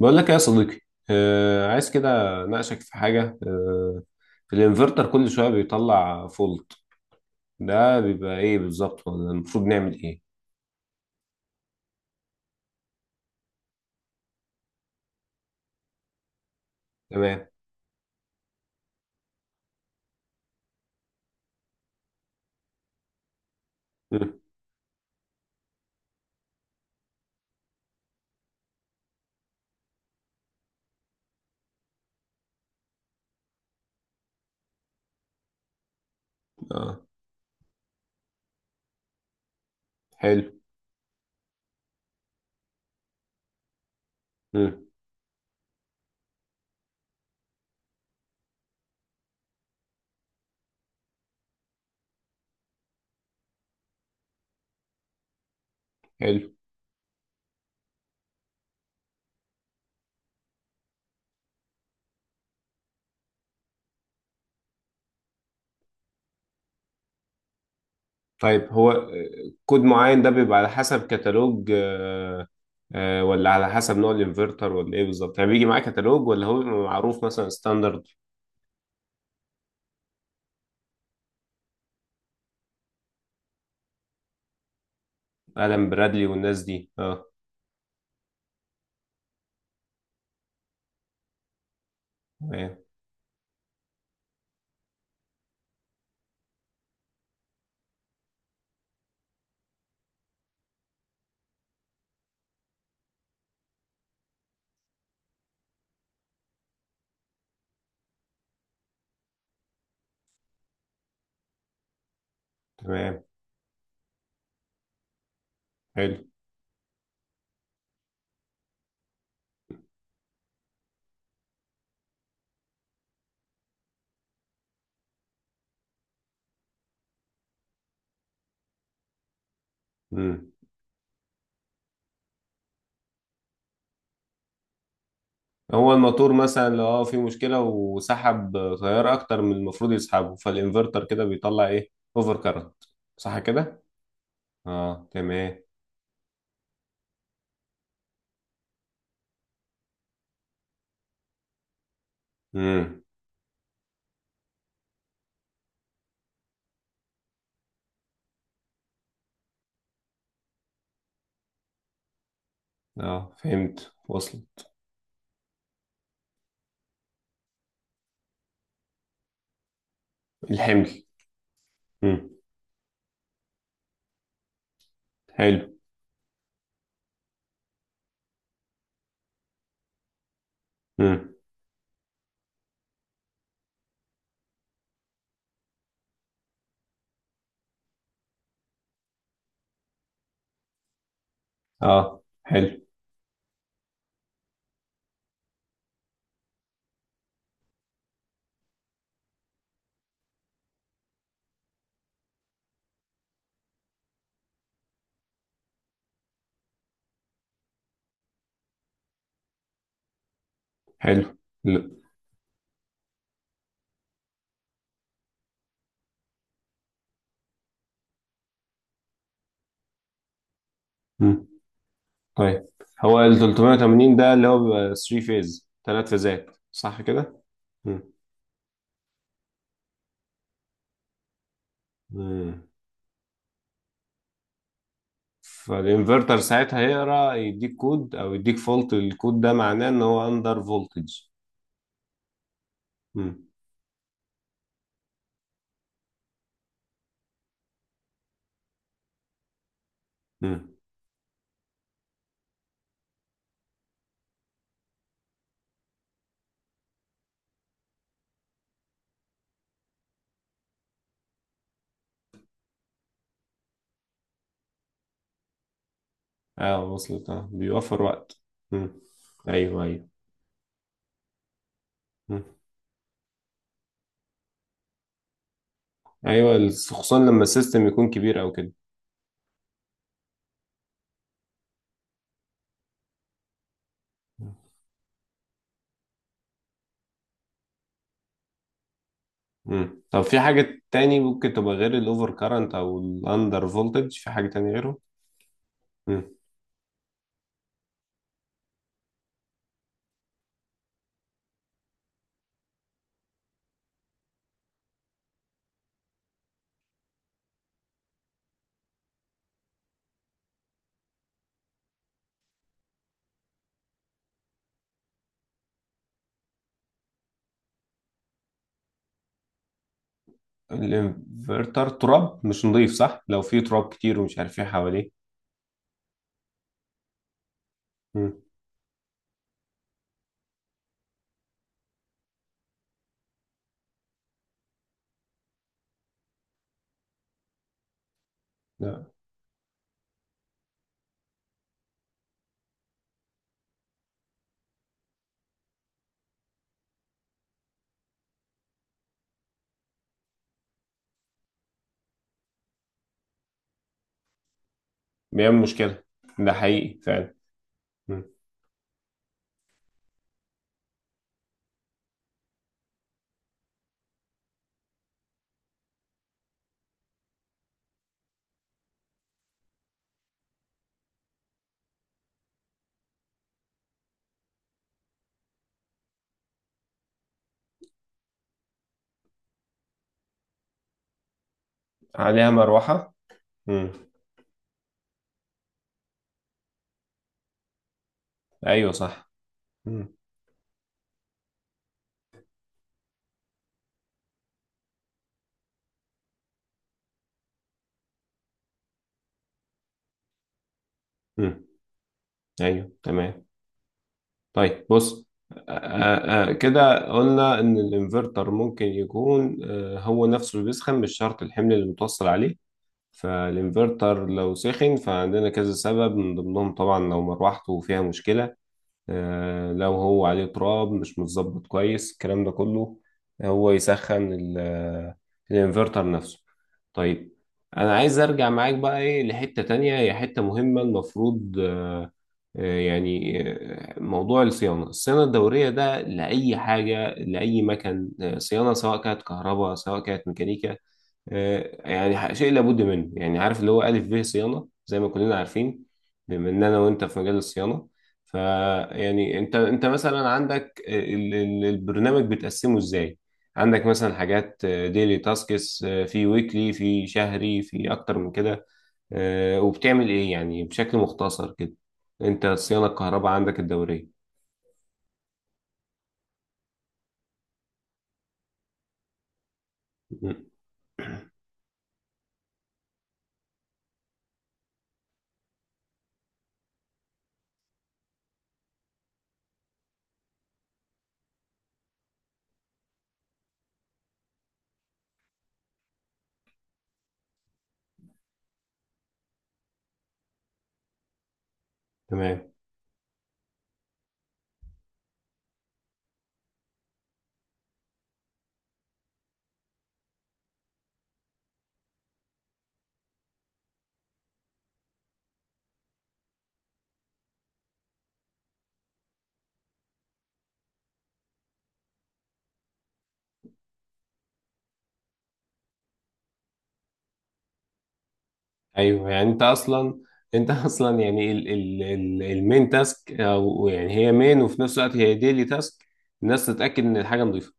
بقول لك إيه يا صديقي. آه، عايز كده. ناقشك في حاجة الانفرتر كل شوية بيطلع فولت، ده بيبقى ايه بالظبط، ولا المفروض نعمل ايه؟ تمام. مم. اه. حلو. مم. حلو. طيب، هو كود معين ده بيبقى على حسب كتالوج ولا على حسب نوع الانفرتر ولا ايه بالظبط، يعني بيجي معاه كتالوج ولا هو بيبقى معروف مثلا ستاندرد؟ ألان برادلي والناس دي، اه. تمام. تمام. حلو. مم. هو الموتور مثلا لو فيه مشكلة وسحب تيار أكتر من المفروض يسحبه، فالإنفرتر كده بيطلع إيه؟ أوفر كارنت، صح كده؟ اه، تمام. امم. اه، فهمت، وصل. الحمل. امم. حلو. امم. اه، حلو. حلو. لا. امم. طيب، هو ال 380 ده اللي هو بيبقى 3 فيز ثلاث فيزات، صح كده؟ امم. امم. فالإنفرتر ساعتها هيقرا، يديك كود أو يديك فولت، الكود ده معناه إن هو أندر فولتج. مم. مم. اه، وصلت، اه، بيوفر وقت. مم. ايوه، ايوه. مم. ايوه، خصوصا لما السيستم يكون كبير او كده. مم. طب، في حاجة تاني ممكن تبقى غير الاوفر كارنت او الاندر فولتج، في حاجة تانية غيره؟ مم. الانفرتر تراب مش نضيف، صح؟ لو في تراب كتير ومش عارف ايه حواليه. مم. لا. بيعمل مشكلة. ده حقيقي فعلا. مم. عليها مروحة. مم. ايوه صح. مم. مم. ايوه تمام. طيب بص. كده قلنا ان الانفرتر ممكن يكون هو نفسه اللي بيسخن، مش شرط الحمل اللي متوصل عليه. فالانفرتر لو سخن فعندنا كذا سبب، من ضمنهم طبعا لو مروحته فيها مشكلة. لو هو عليه تراب مش متظبط كويس الكلام ده كله. هو يسخن الانفرتر نفسه. طيب. انا عايز ارجع معاك بقى ايه، لحتة تانية هي حتة مهمة المفروض يعني موضوع الصيانة، الصيانة الدورية ده لأي حاجة لأي مكان، صيانة سواء كانت كهرباء سواء كانت ميكانيكا. يعني شيء لابد منه، يعني عارف اللي هو ألف ب صيانة زي ما كلنا عارفين. بما إن أنا وأنت في مجال الصيانة، فيعني أنت مثلا عندك البرنامج بتقسمه إزاي؟ عندك مثلا حاجات ديلي تاسكس، في ويكلي، في شهري، في أكتر من كده. وبتعمل ايه يعني بشكل مختصر كده؟ انت صيانة الكهرباء عندك الدورية. مم. تمام. ايوه يعني انت اصلا، انت اصلا يعني ال ال ال المين تاسك، او يعني هي مين وفي نفس الوقت هي ديلي تاسك. الناس تتأكد ان الحاجة نظيفة،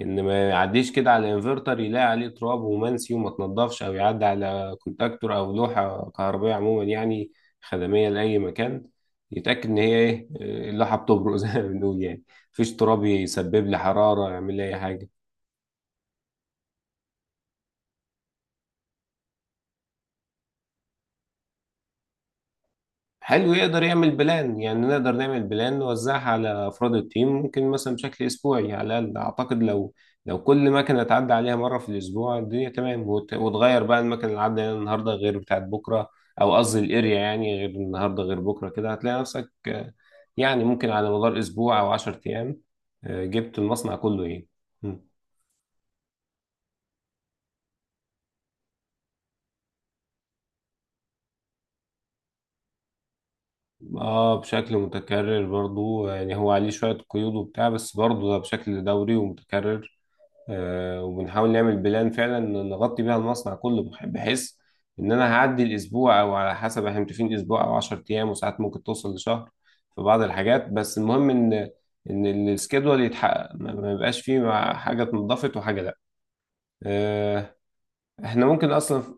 ان ما يعديش كده على انفرتر يلاقي عليه تراب ومنسي وما تنضفش، او يعدي على كونتاكتور او لوحه كهربائيه عموما، يعني خدميه لاي مكان. يتاكد ان هي ايه، اللوحه بتبرق زي ما بنقول يعني، مفيش تراب يسبب لي حراره يعمل لي اي حاجه. حلو، يقدر يعمل بلان، يعني نقدر نعمل بلان نوزعها على أفراد التيم، ممكن مثلا بشكل أسبوعي، يعني على الأقل أعتقد لو كل مكنة تعدي عليها مرة في الأسبوع، الدنيا تمام، وتغير بقى المكنة اللي عدى عليها النهاردة غير بتاعت بكرة، أو قصدي الأريا يعني، غير النهاردة غير بكرة، كده هتلاقي نفسك يعني ممكن على مدار أسبوع أو عشر أيام، جبت المصنع كله إيه. مم. اه، بشكل متكرر برضو، يعني هو عليه شوية قيود وبتاع بس برضو ده بشكل دوري ومتكرر. وبنحاول نعمل بلان فعلا نغطي بيها المصنع كله بحيث ان انا هعدي الاسبوع او على حسب احنا متفقين اسبوع او 10 ايام، وساعات ممكن توصل لشهر في بعض الحاجات. بس المهم ان السكيدول يتحقق، ما ما يبقاش فيه حاجه اتنضفت وحاجه لا. آه، احنا ممكن اصلا،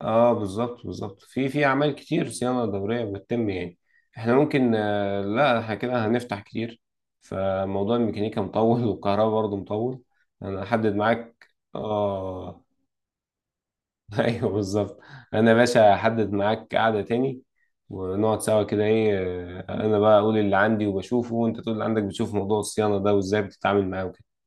اه، بالظبط بالظبط، في في اعمال كتير صيانه دوريه بتتم يعني. احنا ممكن لا احنا كده هنفتح كتير، فموضوع الميكانيكا مطول والكهرباء برضه مطول. انا احدد معاك. اه. ايوه بالظبط. انا يا باشا احدد معاك قعده تاني، ونقعد سوا كده ايه، انا بقى اقول اللي عندي وبشوفه، وانت تقول اللي عندك بتشوف موضوع الصيانه ده وازاي بتتعامل معاه وكده.